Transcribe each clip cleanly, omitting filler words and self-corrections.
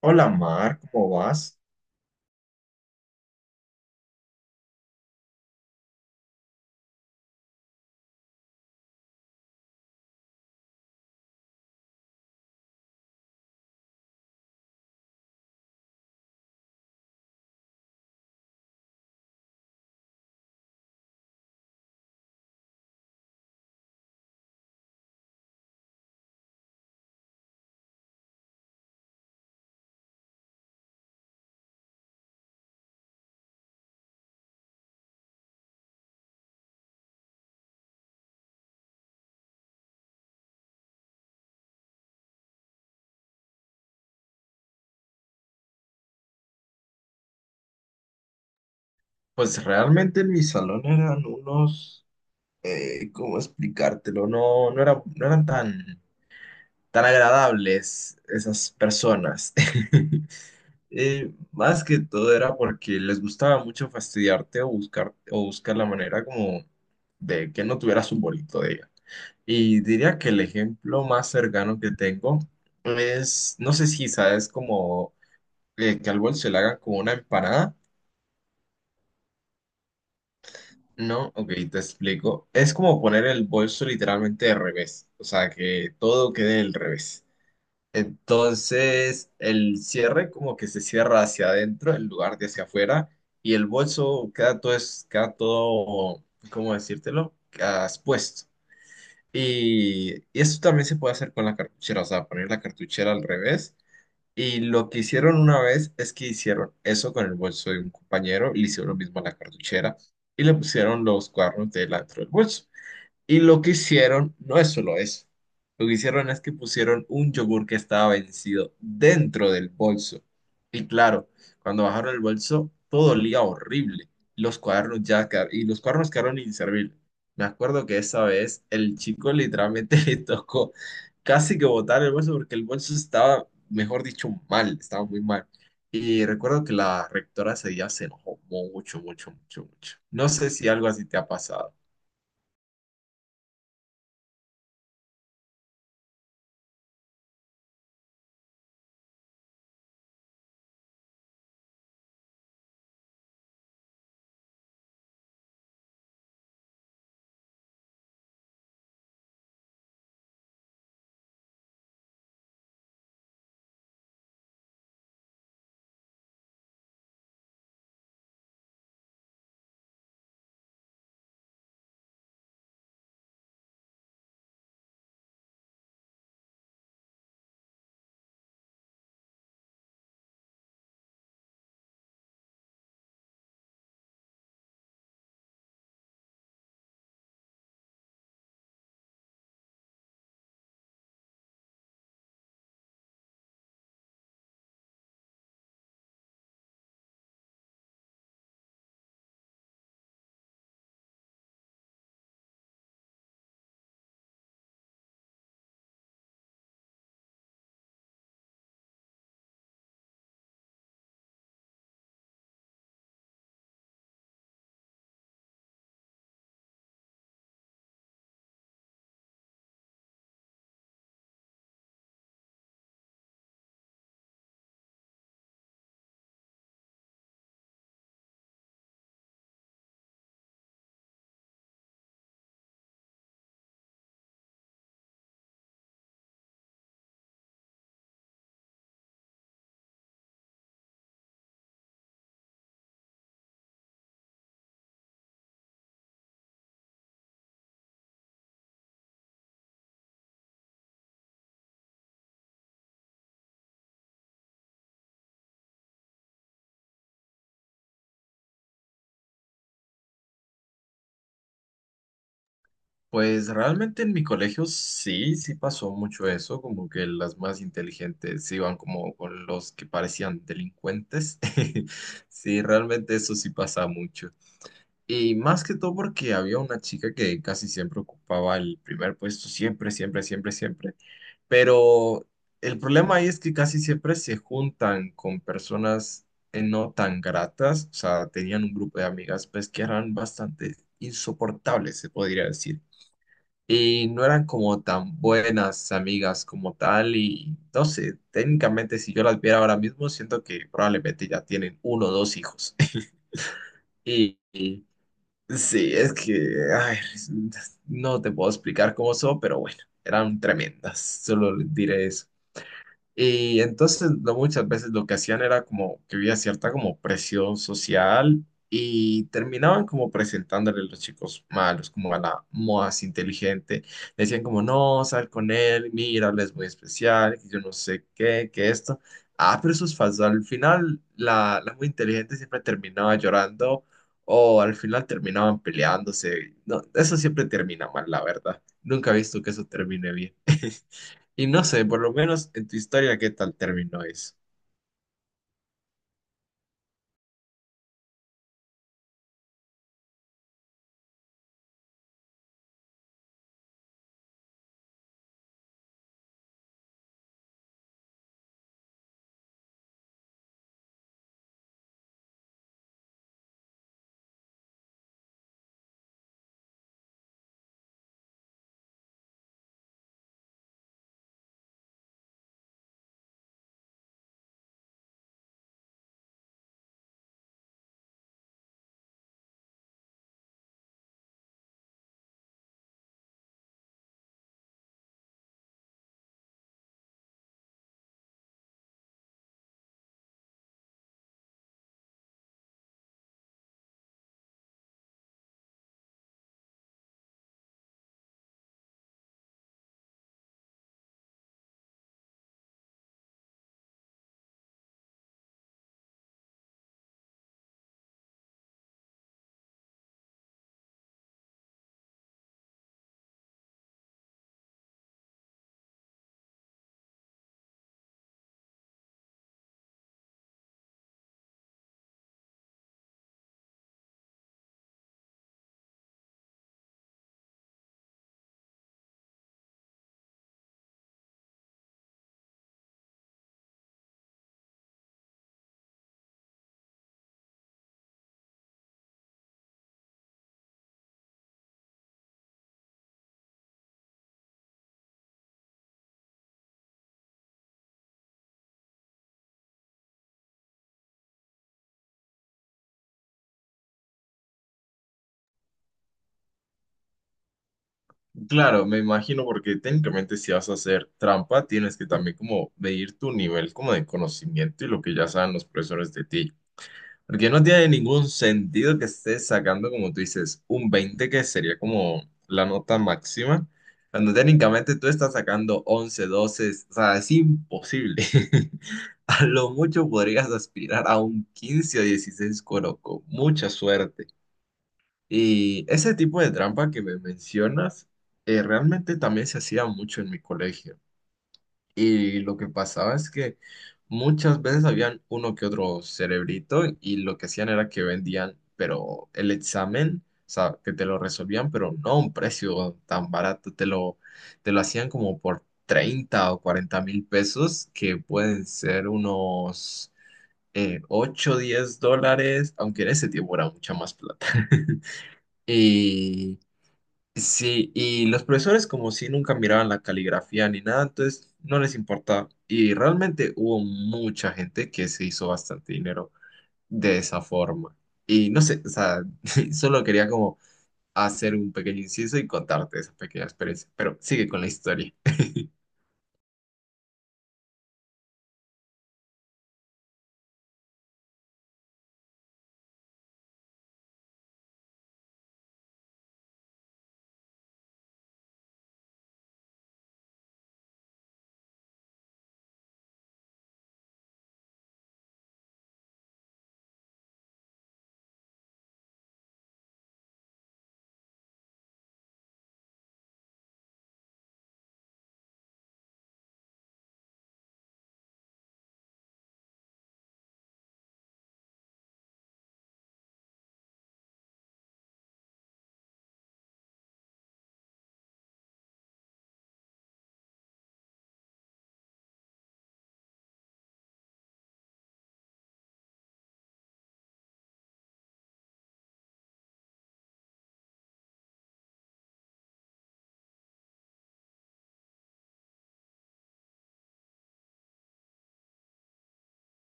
Hola Mar, ¿cómo vas? Pues realmente en mi salón eran unos, ¿cómo explicártelo? No eran tan, tan agradables esas personas. Más que todo era porque les gustaba mucho fastidiarte o buscar la manera como de que no tuvieras un bonito día. Y diría que el ejemplo más cercano que tengo es, no sé si sabes como que al bolso se le haga como una empanada. No, ok, te explico. Es como poner el bolso literalmente de revés, o sea, que todo quede del revés. Entonces, el cierre como que se cierra hacia adentro en lugar de hacia afuera y el bolso queda todo, es, queda todo, ¿cómo decírtelo? Queda expuesto. Y eso también se puede hacer con la cartuchera, o sea, poner la cartuchera al revés y lo que hicieron una vez es que hicieron eso con el bolso de un compañero, le hicieron lo mismo a la cartuchera y le pusieron los cuernos delante del bolso. Y lo que hicieron no es solo eso. Lo que hicieron es que pusieron un yogur que estaba vencido dentro del bolso. Y claro, cuando bajaron el bolso, todo olía horrible. Los cuadernos ya quedaron, y los cuadernos quedaron inservibles. Me acuerdo que esa vez el chico literalmente le tocó casi que botar el bolso porque el bolso estaba, mejor dicho, mal, estaba muy mal. Y recuerdo que la rectora ese día se enojó mucho, mucho, mucho, mucho. No sé si algo así te ha pasado. Pues realmente en mi colegio sí, sí pasó mucho eso, como que las más inteligentes se iban como con los que parecían delincuentes. Sí, realmente eso sí pasa mucho. Y más que todo porque había una chica que casi siempre ocupaba el primer puesto, siempre, siempre, siempre, siempre. Pero el problema ahí es que casi siempre se juntan con personas no tan gratas, o sea, tenían un grupo de amigas pues que eran bastante insoportables, se podría decir y no eran como tan buenas amigas como tal y no sé, técnicamente si yo las viera ahora mismo, siento que probablemente ya tienen uno o dos hijos. Y sí, es que, ay, no te puedo explicar cómo son, pero bueno, eran tremendas, solo diré eso. Y entonces muchas veces lo que hacían era como que había cierta como presión social y terminaban como presentándole a los chicos malos, como a la más inteligente. Decían como, no, sal con él, mira, él es muy especial, que yo no sé qué, que esto. Ah, pero eso es falso. Al final la muy inteligente siempre terminaba llorando o al final terminaban peleándose. No, eso siempre termina mal, la verdad. Nunca he visto que eso termine bien. Y no sé, por lo menos en tu historia, ¿qué tal terminó eso? Claro, me imagino porque técnicamente si vas a hacer trampa, tienes que también como medir tu nivel como de conocimiento y lo que ya saben los profesores de ti. Porque no tiene ningún sentido que estés sacando, como tú dices, un 20, que sería como la nota máxima, cuando técnicamente tú estás sacando 11, 12, o sea, es imposible. A lo mucho podrías aspirar a un 15 o 16 coro con mucha suerte. Y ese tipo de trampa que me mencionas, realmente también se hacía mucho en mi colegio. Y lo que pasaba es que muchas veces habían uno que otro cerebrito y lo que hacían era que vendían, pero el examen, o sea, que te lo resolvían, pero no a un precio tan barato, te lo hacían como por 30 o 40 mil pesos, que pueden ser unos 8 o 10 dólares, aunque en ese tiempo era mucha más plata. Y Sí, y los profesores como si nunca miraban la caligrafía ni nada, entonces no les importaba. Y realmente hubo mucha gente que se hizo bastante dinero de esa forma. Y no sé, o sea, solo quería como hacer un pequeño inciso y contarte esa pequeña experiencia, pero sigue con la historia.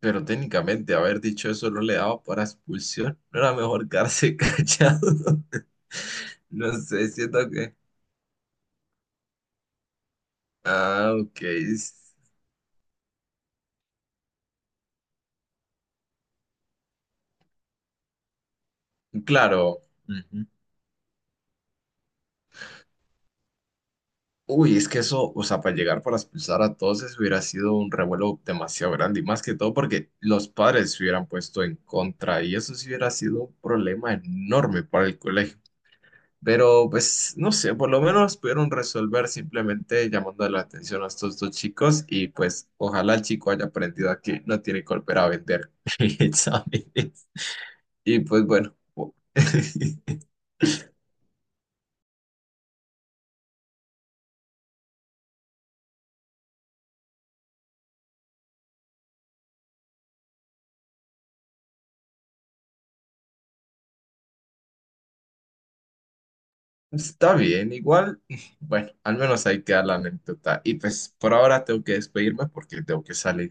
Pero técnicamente haber dicho eso no le daba para expulsión, no era mejor quedarse callado. No sé, siento que... Ah, ok. s- Claro. Uy, es que eso, o sea, para llegar para expulsar a todos eso hubiera sido un revuelo demasiado grande y más que todo porque los padres se hubieran puesto en contra y eso sí hubiera sido un problema enorme para el colegio. Pero pues, no sé, por lo menos pudieron resolver simplemente llamando la atención a estos dos chicos y pues ojalá el chico haya aprendido a que no tiene que volver a vender exámenes. Y pues bueno. po- Está bien, igual, bueno, al menos ahí queda la anécdota. Y pues por ahora tengo que despedirme porque tengo que salir.